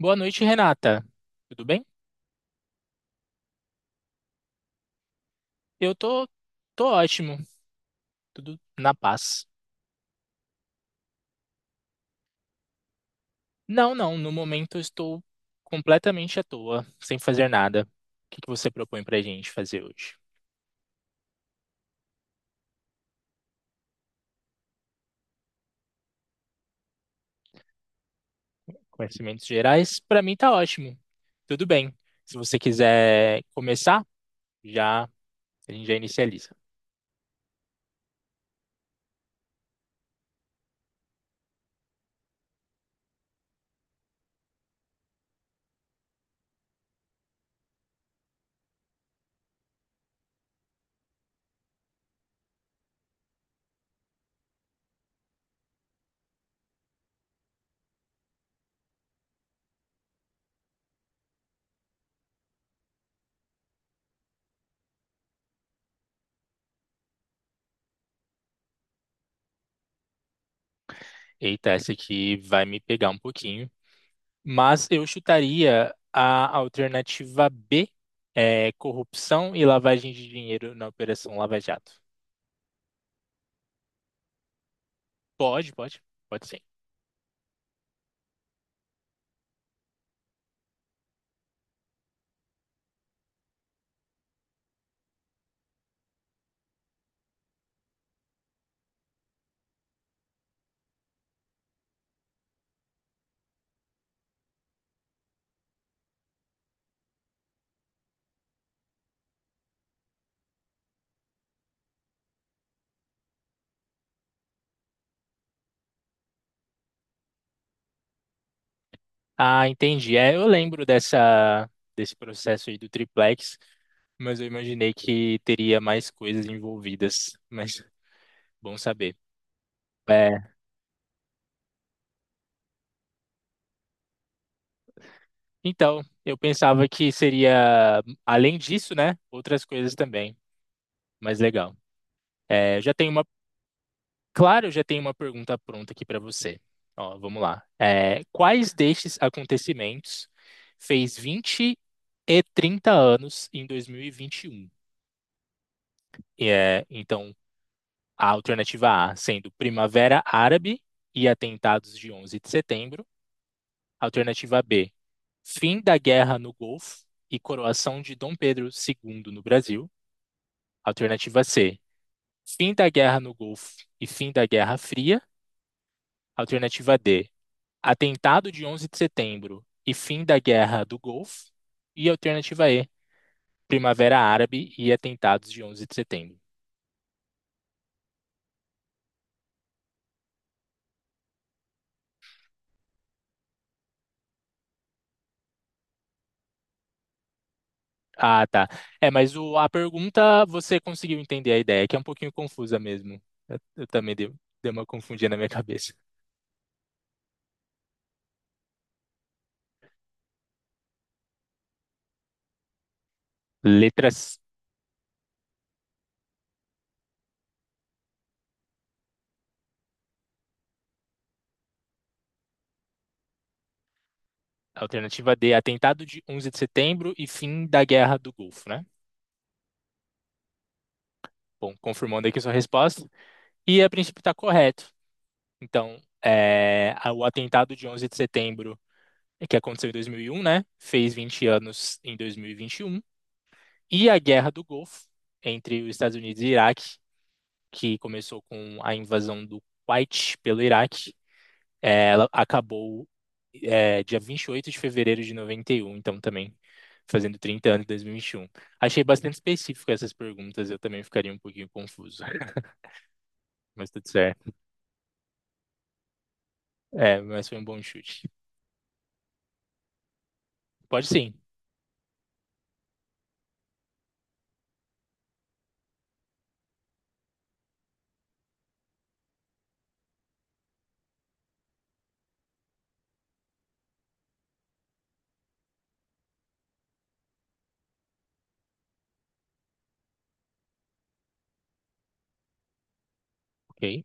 Boa noite, Renata. Tudo bem? Eu tô, Tô ótimo, tudo na paz. Não, não, no momento eu estou completamente à toa, sem fazer nada. O que que você propõe pra gente fazer hoje? Conhecimentos gerais, pra mim tá ótimo. Tudo bem. Se você quiser começar, já a gente já inicializa. Eita, essa aqui vai me pegar um pouquinho. Mas eu chutaria a alternativa B, corrupção e lavagem de dinheiro na Operação Lava Jato. Pode, pode, pode sim. Ah, entendi. É, eu lembro dessa, desse processo aí do Triplex, mas eu imaginei que teria mais coisas envolvidas. Mas bom saber. É, então, eu pensava que seria, além disso, né, outras coisas também. Mas legal. É, eu já tenho uma. Claro, eu já tenho uma pergunta pronta aqui para você. Ó, vamos lá. Quais destes acontecimentos fez 20 e 30 anos em 2021? E, vinte e um? E, é, então, A alternativa A sendo Primavera Árabe e atentados de 11 de setembro. Alternativa B, fim da guerra no Golfo e coroação de Dom Pedro II no Brasil. Alternativa C, fim da guerra no Golfo e fim da Guerra Fria. Alternativa D, atentado de 11 de setembro e fim da Guerra do Golfo. E alternativa E, Primavera Árabe e atentados de 11 de setembro. Ah, tá. É, mas a pergunta você conseguiu entender a ideia, que é um pouquinho confusa mesmo. Eu também dei uma confundida na minha cabeça. Letras. Alternativa D, atentado de 11 de setembro e fim da Guerra do Golfo, né? Bom, confirmando aqui sua resposta. E a princípio está correto. Então, é, o atentado de 11 de setembro é que aconteceu em 2001, né? Fez 20 anos em dois mil e vinte e um. E a Guerra do Golfo entre os Estados Unidos e Iraque, que começou com a invasão do Kuwait pelo Iraque, ela acabou dia 28 de fevereiro de 91. Então também fazendo 30 anos em 2021. Achei bastante específico essas perguntas, eu também ficaria um pouquinho confuso, mas tudo certo. É, mas foi um bom chute. Pode sim, ok?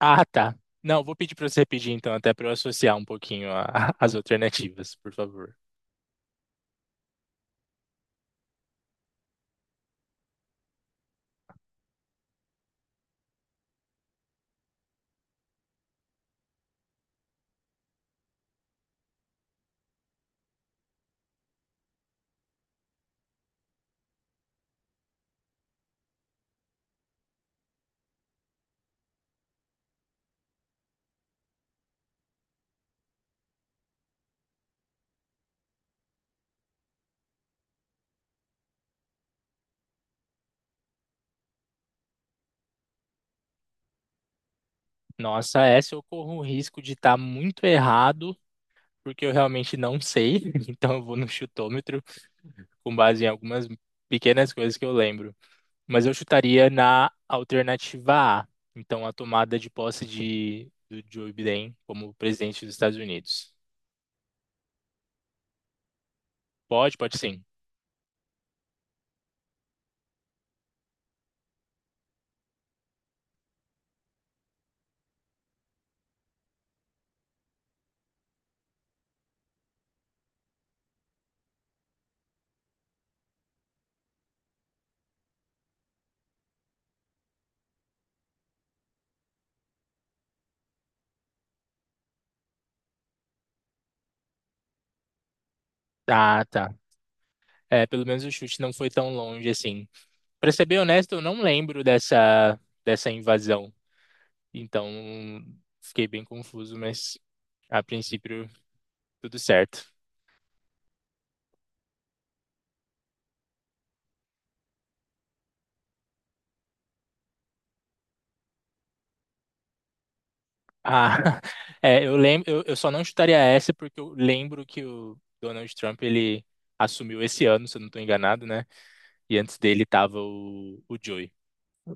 Ah, tá. Não, vou pedir para você repetir então, até para eu associar um pouquinho as alternativas, por favor. Nossa, essa eu corro o risco de estar muito errado, porque eu realmente não sei, então eu vou no chutômetro, com base em algumas pequenas coisas que eu lembro. Mas eu chutaria na alternativa A, então a tomada de posse do Joe Biden como presidente dos Estados Unidos. Pode, pode sim. Ah, tá. É, pelo menos o chute não foi tão longe assim. Pra ser bem honesto, eu não lembro dessa, dessa invasão. Então, fiquei bem confuso, mas a princípio tudo certo. Ah, é, eu lembro, eu só não chutaria essa porque eu lembro que o Donald Trump ele assumiu esse ano, se eu não estou enganado, né? E antes dele tava o Joe.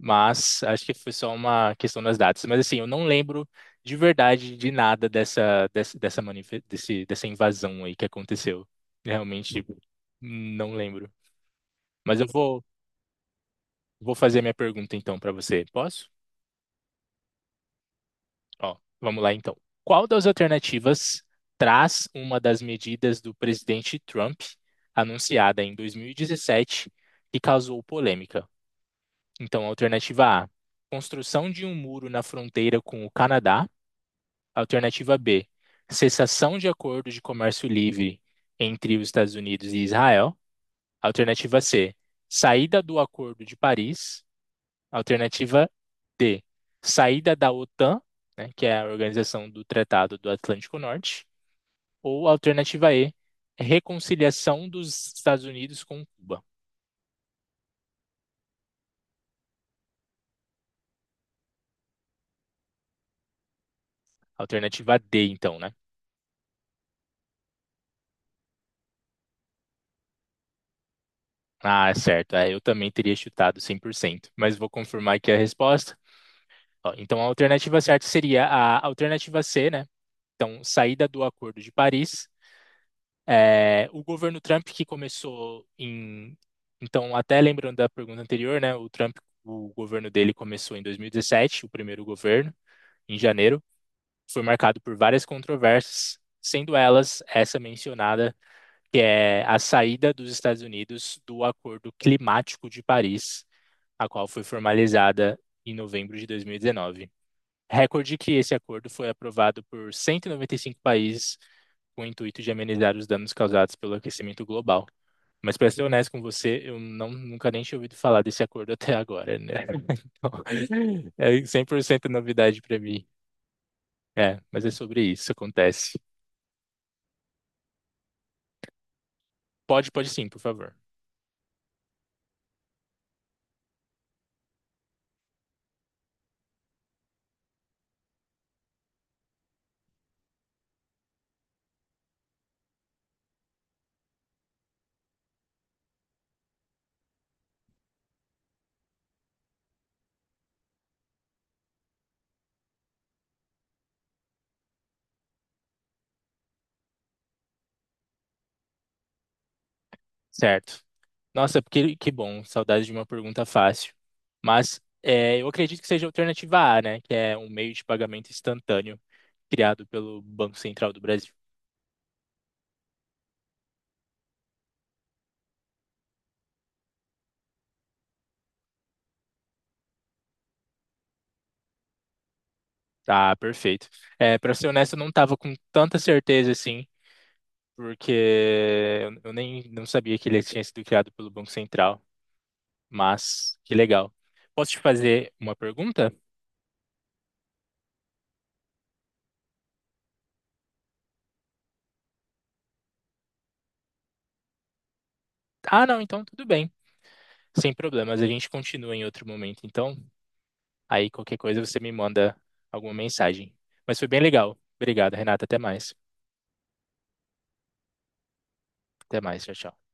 Mas acho que foi só uma questão das datas. Mas assim, eu não lembro de verdade de nada dessa dessa invasão aí que aconteceu. Realmente não lembro. Mas vou fazer minha pergunta então para você. Posso? Ó, vamos lá então. Qual das alternativas traz uma das medidas do presidente Trump anunciada em 2017 que causou polêmica? Então, alternativa A, construção de um muro na fronteira com o Canadá. Alternativa B, cessação de acordo de comércio livre entre os Estados Unidos e Israel. Alternativa C, saída do Acordo de Paris. Alternativa D, saída da OTAN, né, que é a Organização do Tratado do Atlântico Norte. Ou alternativa E, reconciliação dos Estados Unidos com Cuba. Alternativa D, então, né? Ah, certo. É, eu também teria chutado cem por cento, mas vou confirmar aqui a resposta. Ó, então, a alternativa certa seria a alternativa C, né? Então, saída do Acordo de Paris. O governo Trump que começou em, então até lembrando da pergunta anterior, né? O Trump, o governo dele começou em 2017, o primeiro governo, em janeiro, foi marcado por várias controvérsias, sendo elas essa mencionada, que é a saída dos Estados Unidos do Acordo Climático de Paris, a qual foi formalizada em novembro de 2019. Recorde que esse acordo foi aprovado por 195 países com o intuito de amenizar os danos causados pelo aquecimento global. Mas para ser honesto com você, eu não, nunca nem tinha ouvido falar desse acordo até agora, né? Então, é 100% novidade para mim. É, mas é sobre isso, acontece. Pode, pode sim, por favor. Certo. Nossa, que bom, saudade de uma pergunta fácil. Mas é, eu acredito que seja a alternativa A, né? Que é um meio de pagamento instantâneo criado pelo Banco Central do Brasil. Tá, perfeito. É, para ser honesto, eu não estava com tanta certeza assim, porque eu nem não sabia que ele tinha sido criado pelo Banco Central. Mas que legal. Posso te fazer uma pergunta? Ah, não, então tudo bem. Sem problemas, a gente continua em outro momento, então. Aí qualquer coisa você me manda alguma mensagem. Mas foi bem legal. Obrigado, Renata. Até mais. Até mais. Tchau, tchau.